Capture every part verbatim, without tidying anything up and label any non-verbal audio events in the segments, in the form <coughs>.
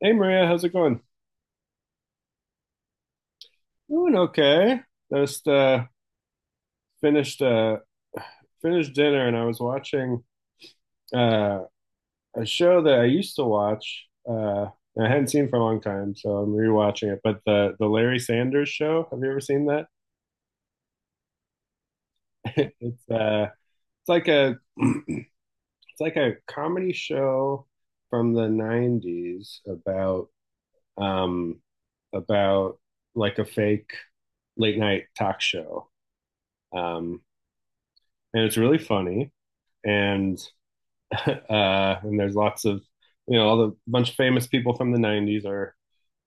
Hey Maria, how's it going? Doing okay. Just uh finished uh finished dinner and I was watching uh a show that I used to watch uh and I hadn't seen for a long time, so I'm rewatching it. But the the Larry Sanders Show, have you ever seen that? <laughs> It's uh it's like a <clears throat> it's like a comedy show from the nineties about um about like a fake late night talk show. Um and it's really funny and <laughs> uh, and there's lots of you know all the bunch of famous people from the nineties are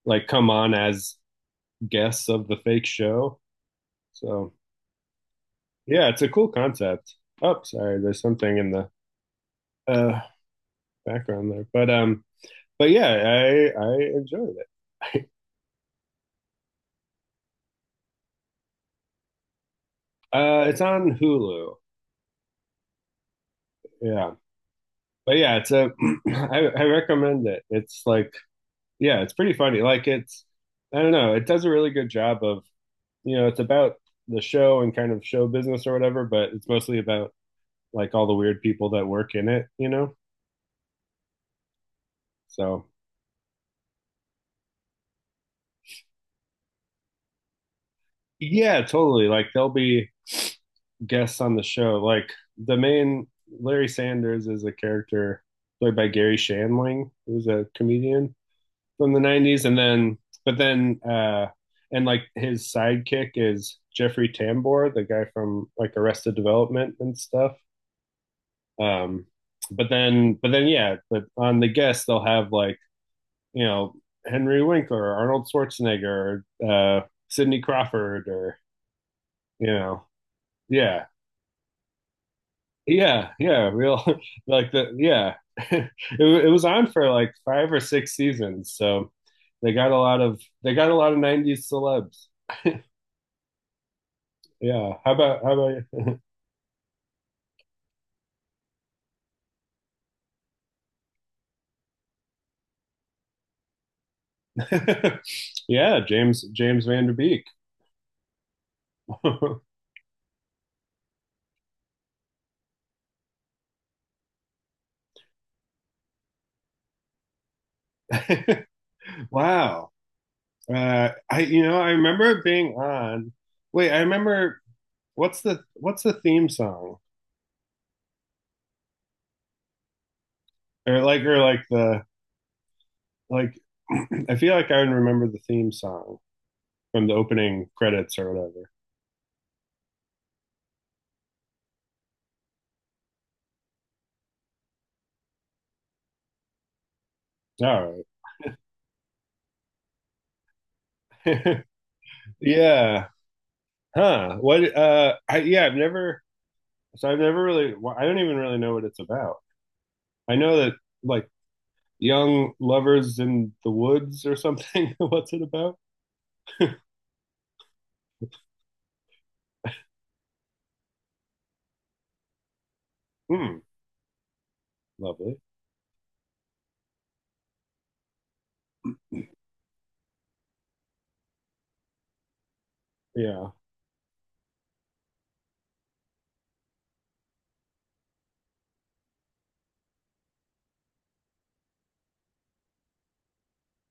like come on as guests of the fake show. So yeah, it's a cool concept. Oh, sorry, there's something in the uh background there, but um but yeah, i i enjoyed it. <laughs> Uh it's on Hulu. Yeah, but yeah, it's a <clears throat> I, I recommend it. It's like, yeah, it's pretty funny. Like, it's I don't know, it does a really good job of, you know, it's about the show and kind of show business or whatever, but it's mostly about like all the weird people that work in it, you know? So, yeah, totally. Like, there'll be guests on the show. Like, the main Larry Sanders is a character played by Gary Shandling, who's a comedian from the nineties. And then, but then, uh, and like his sidekick is Jeffrey Tambor, the guy from like Arrested Development and stuff. Um, but then, but then, yeah. But on the guests, they'll have like, you know Henry Winkler, Arnold Schwarzenegger, uh, Sidney Crawford, or you know, yeah, yeah, yeah, real <laughs> like the yeah. <laughs> it, it was on for like five or six seasons, so they got a lot of they got a lot of nineties celebs. Yeah, how about how about <laughs> yeah, James James Van Der Beek. <laughs> Wow. Uh, I, you know I remember being on. Wait, I remember what's the what's the theme song, or like, or like the like. <clears throat> I feel like I remember the theme song from the opening credits or whatever. All right. <laughs> Yeah. Huh. What? Uh. I, yeah. I've never. So I've never really. Well, I don't even really know what it's about. I know that, like, young lovers in the woods or something. <laughs> What's it about? Hmm. Lovely. Yeah.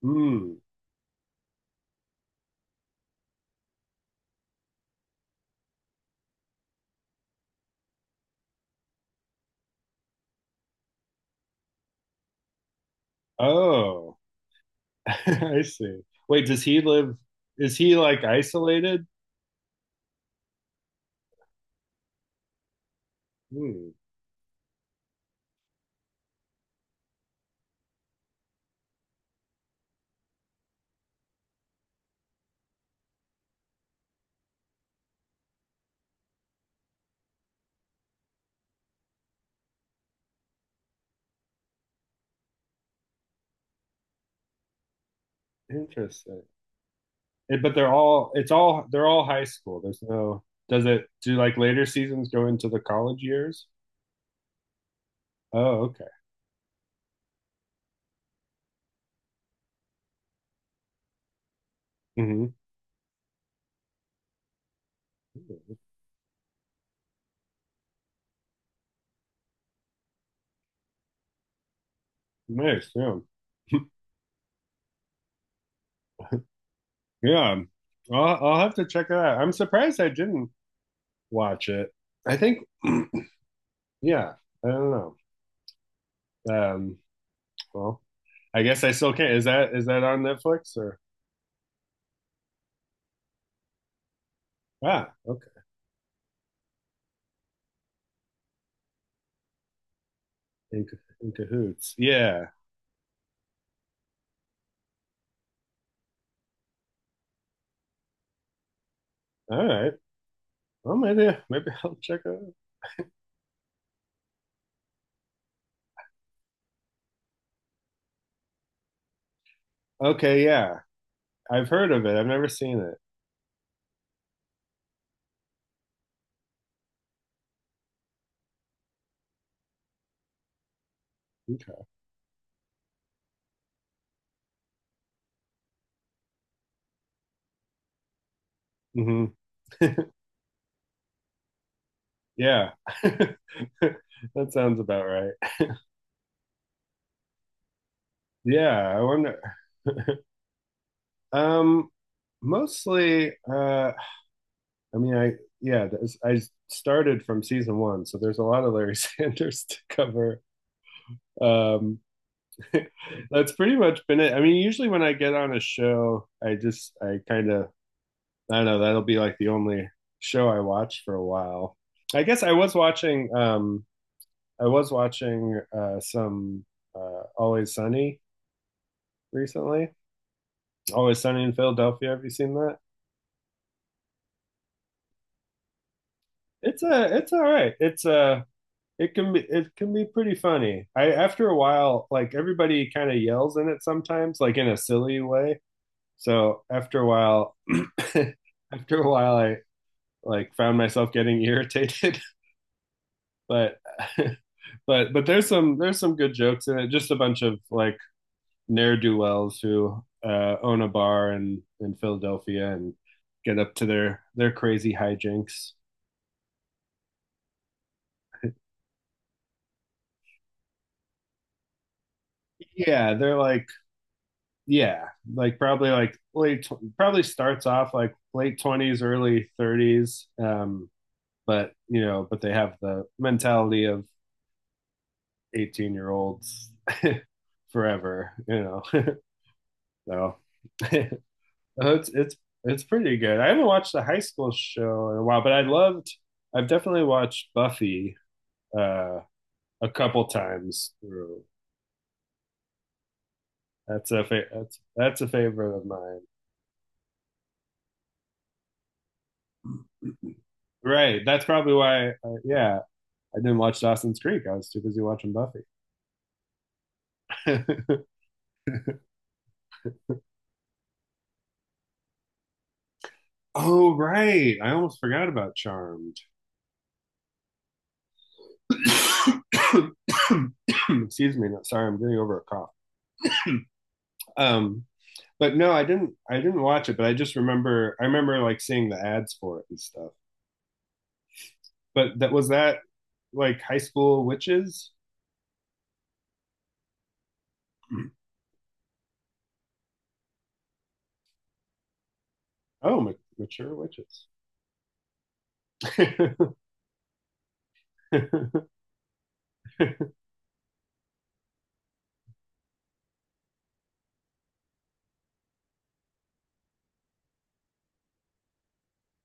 Hmm. Oh. <laughs> I see. Wait, does he live? Is he like isolated? Hmm, interesting. And- but they're all it's all they're all high school. There's no Does it do like later seasons go into the college years? Oh, okay. Hmm. Nice. Yeah. <laughs> Yeah. I'll I'll have to check it out. I'm surprised I didn't watch it. I think <clears throat> yeah, I don't know. Um, well, I guess I still can't. Is that is that on Netflix or ah, okay. In, c- in cahoots. Yeah. All right. Well, maybe maybe <laughs> I'll check it out. Okay, yeah. I've heard of it. I've never seen it. Okay. Hmm. Yeah. <laughs> That sounds about right. Yeah, I wonder. Um, mostly, uh, I mean, I yeah, this, I started from season one, so there's a lot of Larry <laughs> Sanders to cover. Um, <laughs> that's pretty much been it. I mean, usually when I get on a show, I just, I kind of, I don't know. That'll be like the only show I watch for a while. I guess I was watching. Um, I was watching uh, some uh, Always Sunny recently. Always Sunny in Philadelphia. Have you seen that? It's a. It's all right. It's a. It can be. It can be pretty funny. I After a while, like, everybody kind of yells in it sometimes, like in a silly way. So after a while, <coughs> <laughs> after a while, I like found myself getting irritated. <laughs> But <laughs> but but there's some there's some good jokes in it. Just a bunch of like ne'er do wells who uh, own a bar in in Philadelphia and get up to their their crazy hijinks. Yeah, they're like, yeah, like probably like late, probably starts off like late twenties, early thirties. Um, but you know, but they have the mentality of eighteen year olds forever. You know, <laughs> so <laughs> oh, It's it's it's pretty good. I haven't watched the high school show in a while, but I loved. I've definitely watched Buffy uh, a couple times through. That's a fa that's that's a favorite of mine. Right. That's probably why. Uh, yeah, I didn't watch Dawson's Creek. I was too busy watching Buffy. <laughs> Oh, right. I almost forgot about Charmed. <coughs> Excuse me. no- Sorry, I'm getting over a cough. Um, But no, I didn't I didn't watch it, but I just remember, I remember like seeing the ads for it and stuff. But that was that, like, high school witches? <clears throat> Oh, ma- mature witches. <laughs>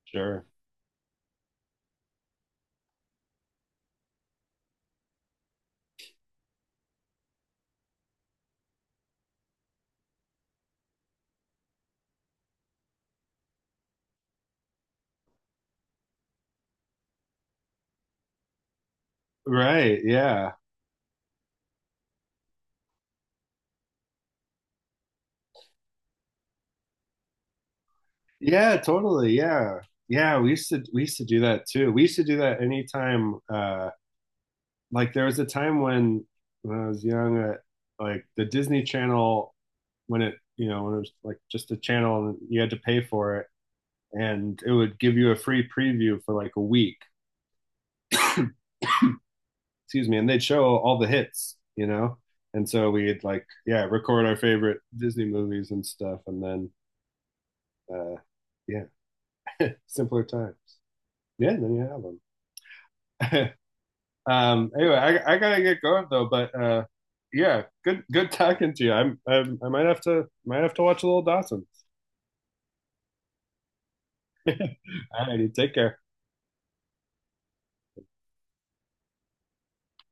Sure. Right. Yeah. Yeah, totally. Yeah. Yeah, we used to we used to do that too. We used to do that anytime uh like there was a time when when I was young, uh, like the Disney Channel when, it you know when it was like just a channel and you had to pay for it, and it would give you a free preview for like a week. Excuse me, and they'd show all the hits, you know. And so we'd like, yeah, record our favorite Disney movies and stuff, and then, uh, yeah, <laughs> simpler times. Yeah, then you have them. <laughs> Um, anyway, I, I gotta get going though, but uh, yeah, good good talking to you. I'm, I'm I might have to, might have to watch a little Dawson. All righty, take care.